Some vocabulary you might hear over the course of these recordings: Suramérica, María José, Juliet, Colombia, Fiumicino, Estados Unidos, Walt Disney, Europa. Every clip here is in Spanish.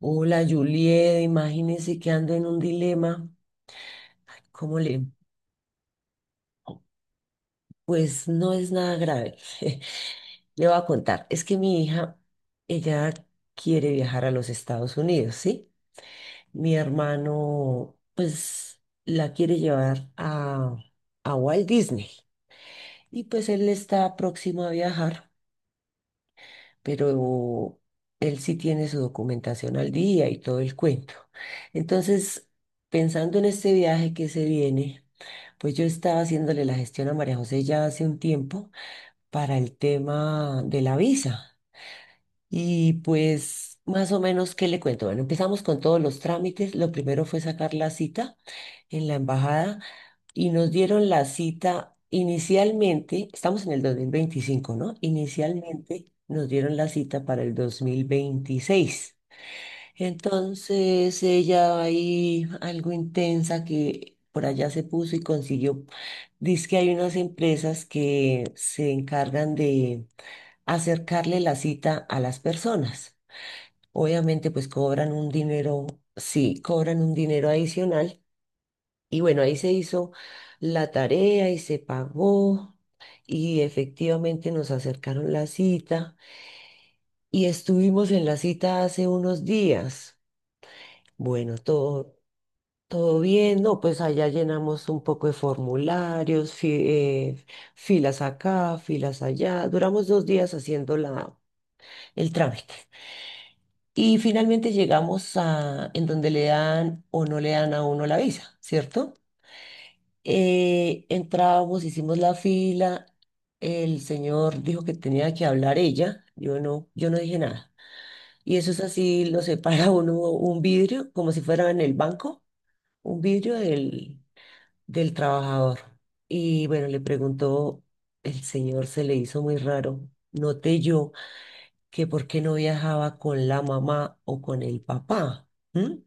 Hola Juliet, imagínese que ando en un dilema. ¿Cómo le? Pues no es nada grave. Le voy a contar. Es que mi hija, ella quiere viajar a los Estados Unidos, ¿sí? Mi hermano, pues la quiere llevar a Walt Disney. Y pues él está próximo a viajar, pero él sí tiene su documentación al día y todo el cuento. Entonces, pensando en este viaje que se viene, pues yo estaba haciéndole la gestión a María José ya hace un tiempo para el tema de la visa. Y pues, más o menos, ¿qué le cuento? Bueno, empezamos con todos los trámites. Lo primero fue sacar la cita en la embajada y nos dieron la cita inicialmente, estamos en el 2025, ¿no? Inicialmente nos dieron la cita para el 2026. Entonces ella ahí, algo intensa que por allá se puso y consiguió, dice que hay unas empresas que se encargan de acercarle la cita a las personas. Obviamente, pues cobran un dinero, sí, cobran un dinero adicional y bueno, ahí se hizo la tarea y se pagó y efectivamente nos acercaron la cita y estuvimos en la cita hace unos días. Bueno, todo, todo bien, ¿no? Pues allá llenamos un poco de formularios, filas acá, filas allá. Duramos 2 días haciendo la, el trámite. Y finalmente llegamos a en donde le dan o no le dan a uno la visa, ¿cierto? Entramos, hicimos la fila, el señor dijo que tenía que hablar ella, yo no dije nada. Y eso es así, lo separa uno un vidrio, como si fuera en el banco, un vidrio del trabajador. Y bueno, le preguntó, el señor se le hizo muy raro, noté yo que por qué no viajaba con la mamá o con el papá. ¿M?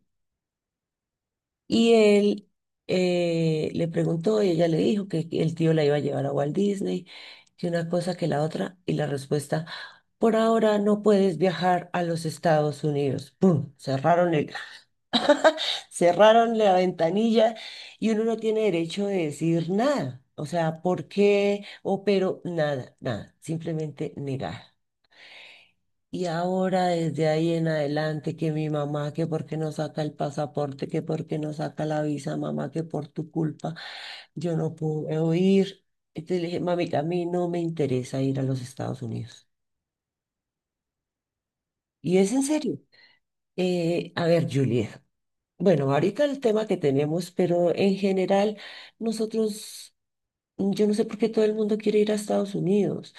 Y él le preguntó y ella le dijo que el tío la iba a llevar a Walt Disney, que una cosa que la otra, y la respuesta, por ahora no puedes viajar a los Estados Unidos. ¡Pum! Cerraron el, cerraron la ventanilla y uno no tiene derecho de decir nada. O sea, ¿por qué? O pero nada, nada, simplemente negar. Y ahora desde ahí en adelante que mi mamá, que por qué no saca el pasaporte, que por qué no saca la visa, mamá, que por tu culpa yo no puedo ir. Entonces le dije, mami, a mí no me interesa ir a los Estados Unidos. Y es en serio. A ver, Juliet. Bueno, ahorita el tema que tenemos, pero en general nosotros, yo no sé por qué todo el mundo quiere ir a Estados Unidos.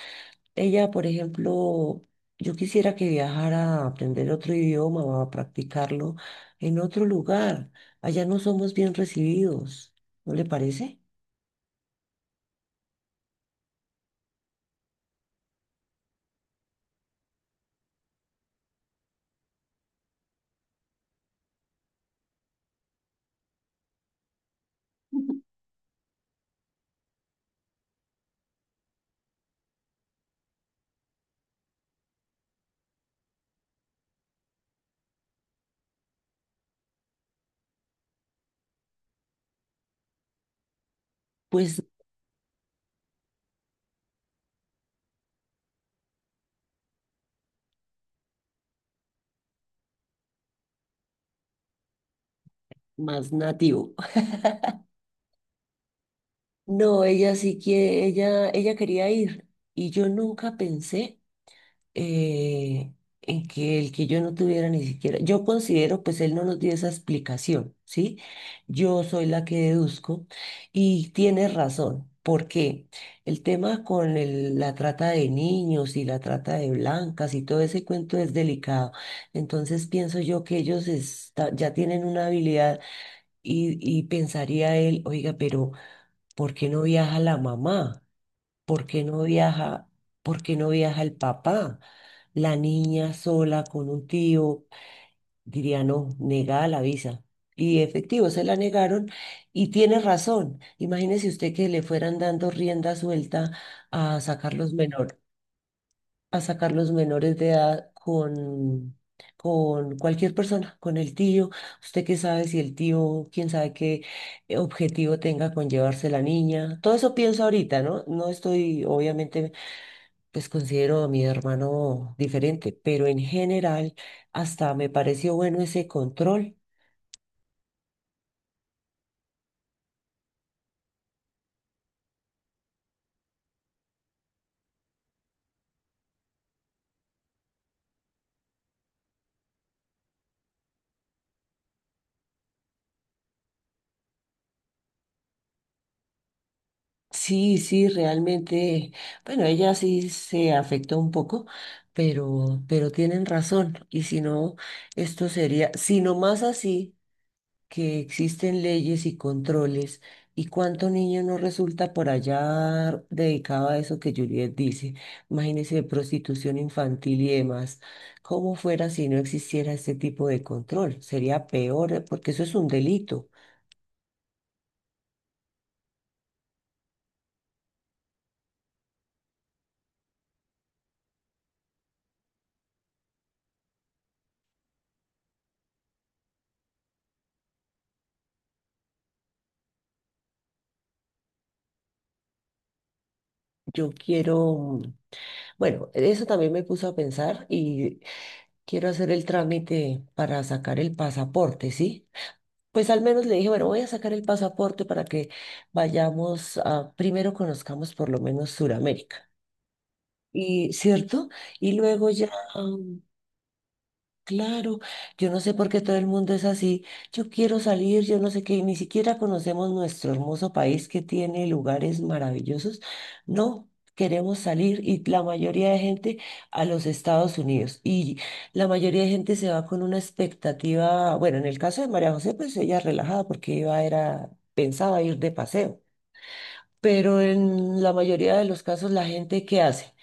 Ella, por ejemplo, yo quisiera que viajara a aprender otro idioma o a practicarlo en otro lugar. Allá no somos bien recibidos, ¿no le parece? Pues más nativo. No, ella sí que, ella quería ir y yo nunca pensé eh, en que el que yo no tuviera ni siquiera, yo considero, pues él no nos dio esa explicación, ¿sí? Yo soy la que deduzco y tiene razón. Porque el tema con la trata de niños y la trata de blancas y todo ese cuento es delicado. Entonces pienso yo que ellos ya tienen una habilidad y pensaría él, oiga, pero ¿por qué no viaja la mamá? ¿Por qué no viaja, por qué no viaja el papá? La niña sola con un tío, diría no, negada la visa. Y efectivo, se la negaron y tiene razón. Imagínese usted que le fueran dando rienda suelta a sacar los menor, a sacar los menores de edad con cualquier persona, con el tío. Usted qué sabe si el tío, quién sabe qué objetivo tenga con llevarse la niña. Todo eso pienso ahorita, ¿no? No estoy, obviamente pues considero a mi hermano diferente, pero en general hasta me pareció bueno ese control. Sí, sí, realmente, bueno, ella sí se afectó un poco, pero tienen razón. Y si no, esto sería, si no más así. Que existen leyes y controles y cuánto niño no resulta por allá dedicado a eso que Juliet dice. Imagínese prostitución infantil y demás. ¿Cómo fuera si no existiera este tipo de control? Sería peor porque eso es un delito. Yo quiero, mm, bueno, eso también me puso a pensar y quiero hacer el trámite para sacar el pasaporte, ¿sí? Pues al menos le dije, bueno, voy a sacar el pasaporte para que vayamos a, primero conozcamos por lo menos Suramérica. Y cierto, y luego ya claro, yo no sé por qué todo el mundo es así. Yo quiero salir, yo no sé qué, y ni siquiera conocemos nuestro hermoso país que tiene lugares maravillosos. No, queremos salir y la mayoría de gente a los Estados Unidos. Y la mayoría de gente se va con una expectativa, bueno, en el caso de María José, pues ella relajada porque iba, era, pensaba ir de paseo. Pero en la mayoría de los casos, la gente, ¿qué hace?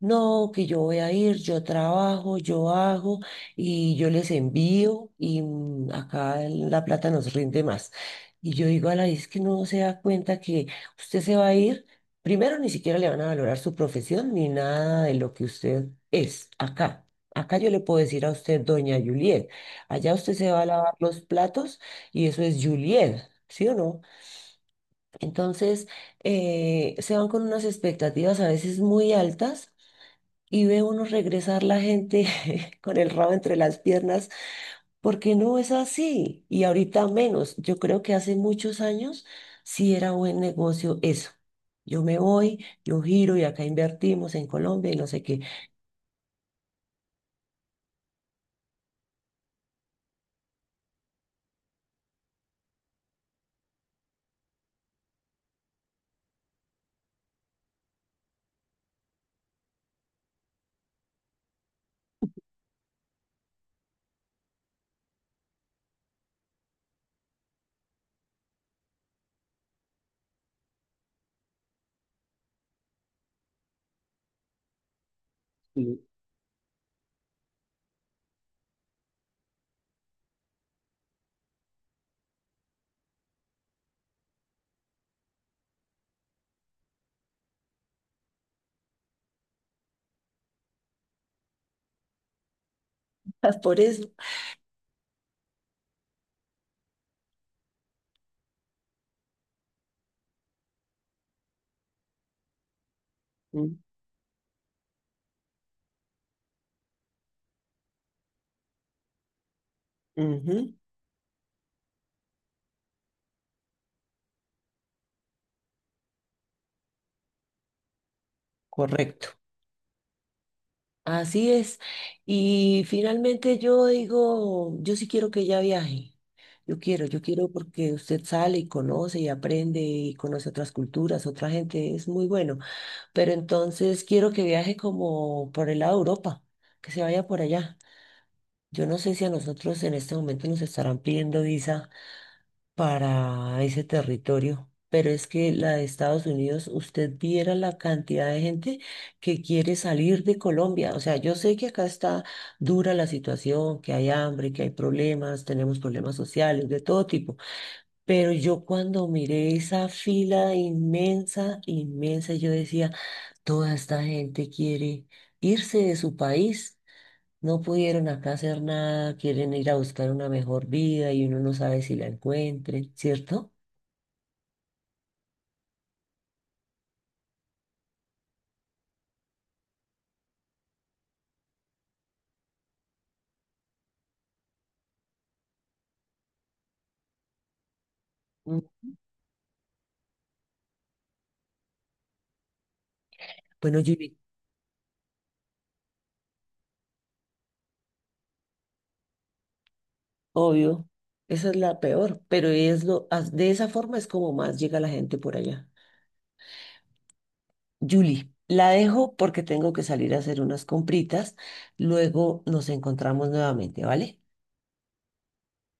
No, que yo voy a ir, yo trabajo, yo hago y yo les envío y acá la plata nos rinde más. Y yo digo a la es que no se da cuenta que usted se va a ir, primero ni siquiera le van a valorar su profesión ni nada de lo que usted es acá. Acá yo le puedo decir a usted, doña Juliet, allá usted se va a lavar los platos y eso es Juliet, ¿sí o no? Entonces, se van con unas expectativas a veces muy altas y ve uno regresar la gente con el rabo entre las piernas, porque no es así. Y ahorita menos. Yo creo que hace muchos años sí era buen negocio eso. Yo me voy, yo giro y acá invertimos en Colombia y no sé qué. Por eso. Mm. Ujú, correcto. Así es. Y finalmente yo digo, yo sí quiero que ella viaje. Yo quiero porque usted sale y conoce y aprende y conoce otras culturas, otra gente, es muy bueno. Pero entonces quiero que viaje como por el lado de Europa, que se vaya por allá. Yo no sé si a nosotros en este momento nos estarán pidiendo visa para ese territorio. Pero es que la de Estados Unidos, usted viera la cantidad de gente que quiere salir de Colombia. O sea, yo sé que acá está dura la situación, que hay hambre, que hay problemas, tenemos problemas sociales de todo tipo. Pero yo cuando miré esa fila inmensa, inmensa, yo decía, toda esta gente quiere irse de su país. No pudieron acá hacer nada, quieren ir a buscar una mejor vida y uno no sabe si la encuentren, ¿cierto? Mm, bueno, Julie, obvio, esa es la peor, pero es lo, as- de esa forma es como más llega la gente por allá. Julie, la dejo porque tengo que salir a hacer unas compritas, luego nos encontramos nuevamente, ¿vale?